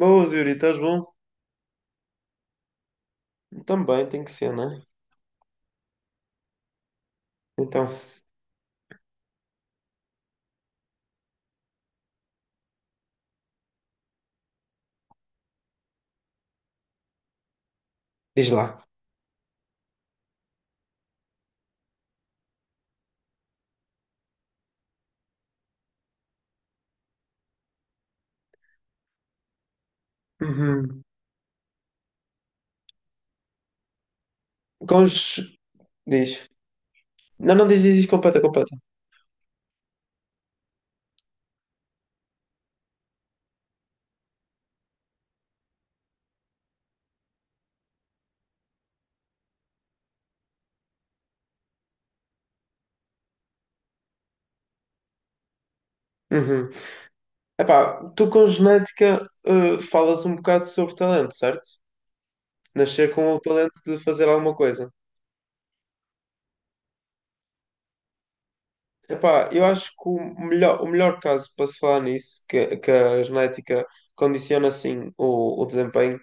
Boas, Yuri, estás bom? Também tem que ser, não é? Então, diz lá. Uhum. Com os... Diz. Não, não, diz, diz, diz, completa, completa. Uhum. Epá, tu com genética, falas um bocado sobre talento, certo? Nascer com o talento de fazer alguma coisa. Epá, eu acho que o melhor caso para se falar nisso, que a genética condiciona assim o desempenho,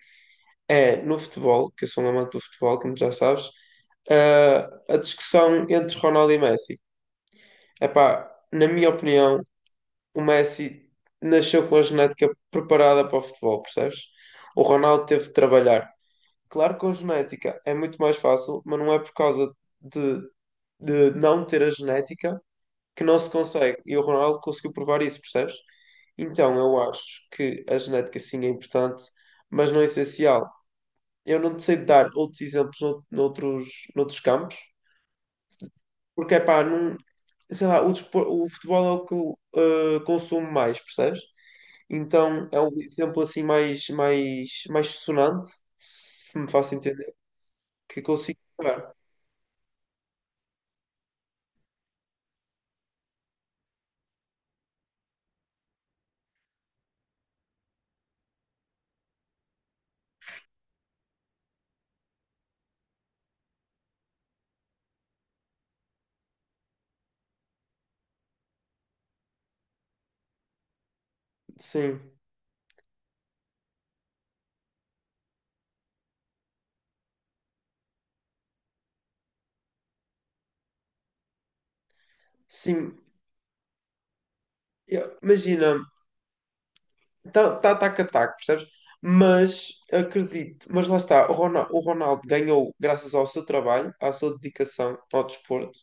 é no futebol, que eu sou um amante do futebol, como já sabes, a discussão entre Ronaldo e Messi. Epá, na minha opinião, o Messi nasceu com a genética preparada para o futebol, percebes? O Ronaldo teve de trabalhar. Claro que com genética é muito mais fácil, mas não é por causa de, de não ter a genética que não se consegue. E o Ronaldo conseguiu provar isso, percebes? Então eu acho que a genética sim é importante, mas não é essencial. Eu não te sei dar outros exemplos noutros campos, porque é pá, não, sei lá, o futebol é o que eu consumo mais, percebes? Então é um exemplo assim mais sonante, se me faço entender, que consigo dar. Sim, sim. Imagina. Tá ataque a ataque, percebes? Mas acredito, mas lá está, o Ronaldo ganhou graças ao seu trabalho, à sua dedicação ao desporto,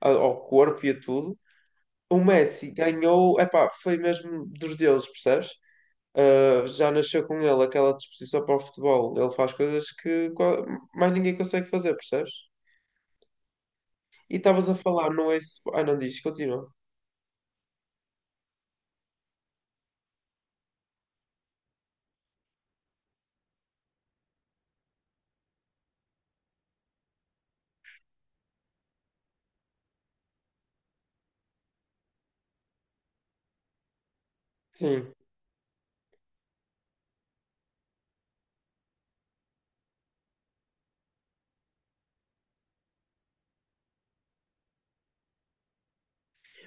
ao corpo e a tudo. O Messi ganhou, epá, foi mesmo dos deuses, percebes? Ah, já nasceu com ele aquela disposição para o futebol. Ele faz coisas que mais ninguém consegue fazer, percebes? E estavas a falar, não é? Ah, não, diz, continua. Sim.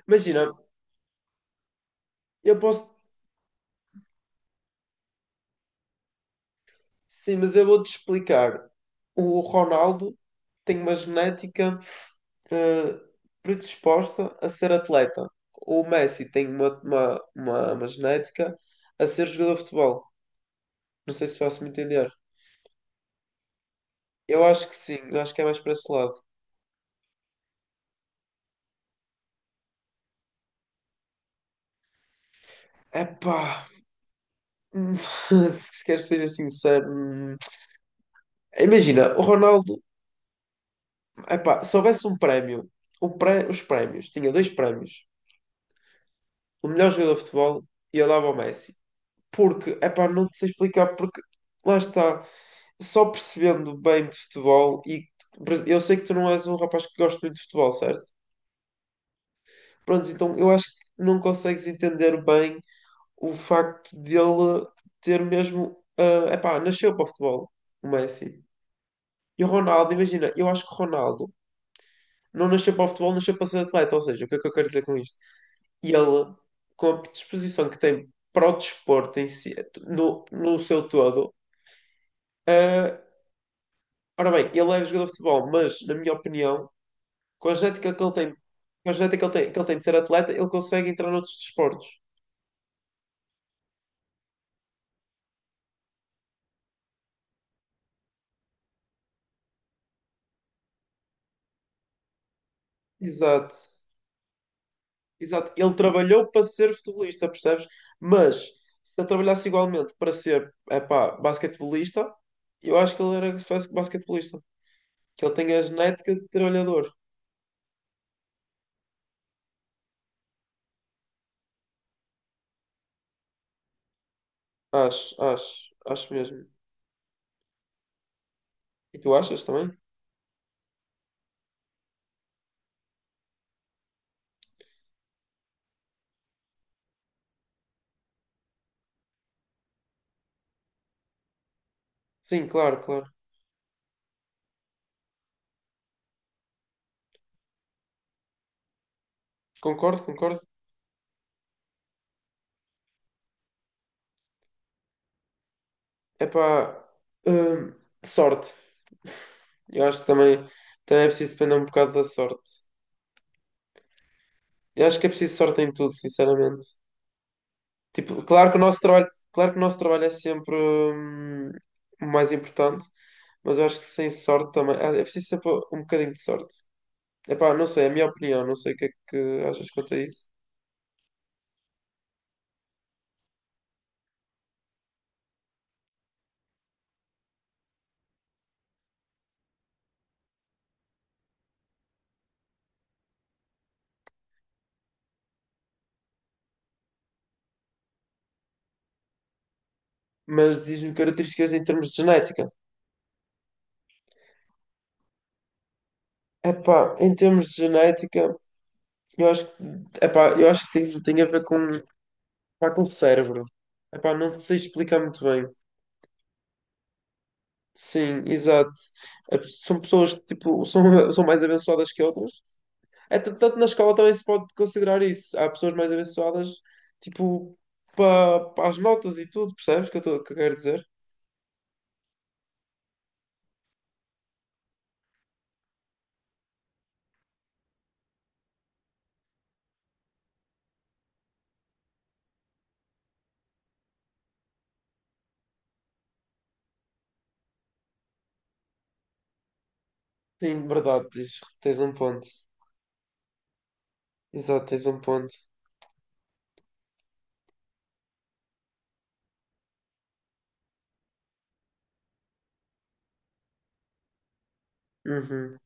Imagina, eu posso. Sim, mas eu vou-te explicar. O Ronaldo tem uma genética eh, predisposta a ser atleta. O Messi tem uma genética a ser jogador de futebol. Não sei se faço-me entender. Eu acho que sim, eu acho que é mais para esse lado. Epá, hum, se quer ser sincero, imagina, o Ronaldo, epá, se houvesse um prémio, os prémios, tinha dois prémios, o melhor jogador de futebol e eu dava ao Messi. Porque, epá, não te sei explicar, porque lá está, só percebendo bem de futebol, e eu sei que tu não és um rapaz que gosta muito de futebol, certo? Pronto, então eu acho que não consegues entender bem o facto dele ter mesmo, epá, nasceu para o futebol, o Messi. E o Ronaldo, imagina, eu acho que o Ronaldo não nasceu para o futebol, nasceu para ser atleta, ou seja, o que é que eu quero dizer com isto? E ele, com a disposição que tem para o desporto em si, no seu todo. ah, Ora bem, ele é jogador de futebol, mas, na minha opinião, com a genética que ele tem, com a genética que ele tem de ser atleta, ele consegue entrar noutros desportos. Exato, exato. Ele trabalhou para ser futebolista, percebes? Mas, se ele trabalhasse igualmente para ser, epá, basquetebolista, eu acho que ele era basquetebolista. Que ele tem a genética de trabalhador. Acho, acho, acho mesmo. E tu achas também? Sim, claro, claro. Concordo, concordo. Epá, hum, sorte. Eu acho que também é preciso depender um bocado da sorte. Eu acho que é preciso sorte em tudo, sinceramente. Tipo, claro que o nosso trabalho, claro que o nosso trabalho é sempre o mais importante, mas eu acho que sem sorte também. É preciso sempre um bocadinho de sorte. Epá, não sei, é a minha opinião, não sei o que é que achas quanto a isso. Mas diz-me características em termos de genética. Epá, em termos de genética, eu acho que, epá, eu acho que tem a ver com, pá, com o cérebro. Epá, não sei explicar muito bem. Sim, exato. São pessoas que tipo, são, são mais abençoadas que outras. É, tanto na escola também se pode considerar isso. Há pessoas mais abençoadas, tipo, para as notas e tudo, percebes o que eu, que eu quero dizer? Sim, verdade, diz, tens um ponto. Exato, tens um ponto. Uhum.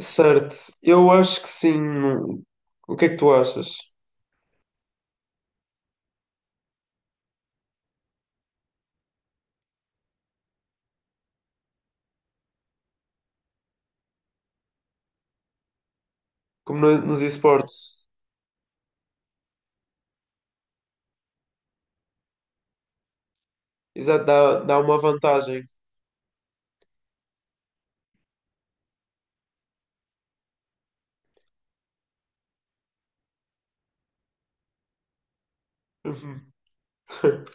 Certo, eu acho que sim. O que é que tu achas? Como nos esportes, exato, dá uma vantagem. Uhum.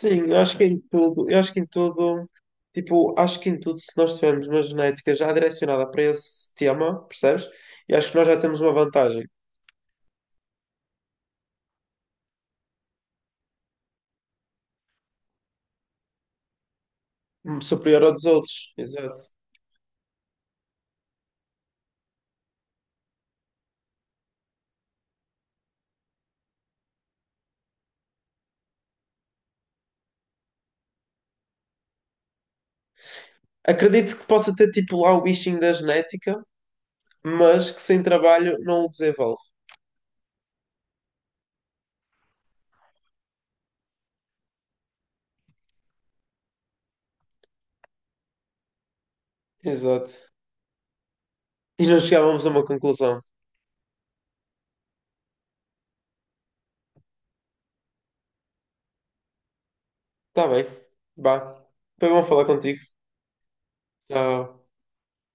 Sim, eu acho que em tudo, eu acho que em tudo, tipo, acho que em tudo, se nós tivermos uma genética já direcionada para esse tema, percebes? Eu acho que nós já temos uma vantagem superior à dos outros, exato. Acredito que possa ter, tipo, lá o bichinho da genética, mas que sem trabalho não o desenvolve. Exato. E não chegávamos a uma conclusão. Tá bem, vá. Foi bom falar contigo. Tchau.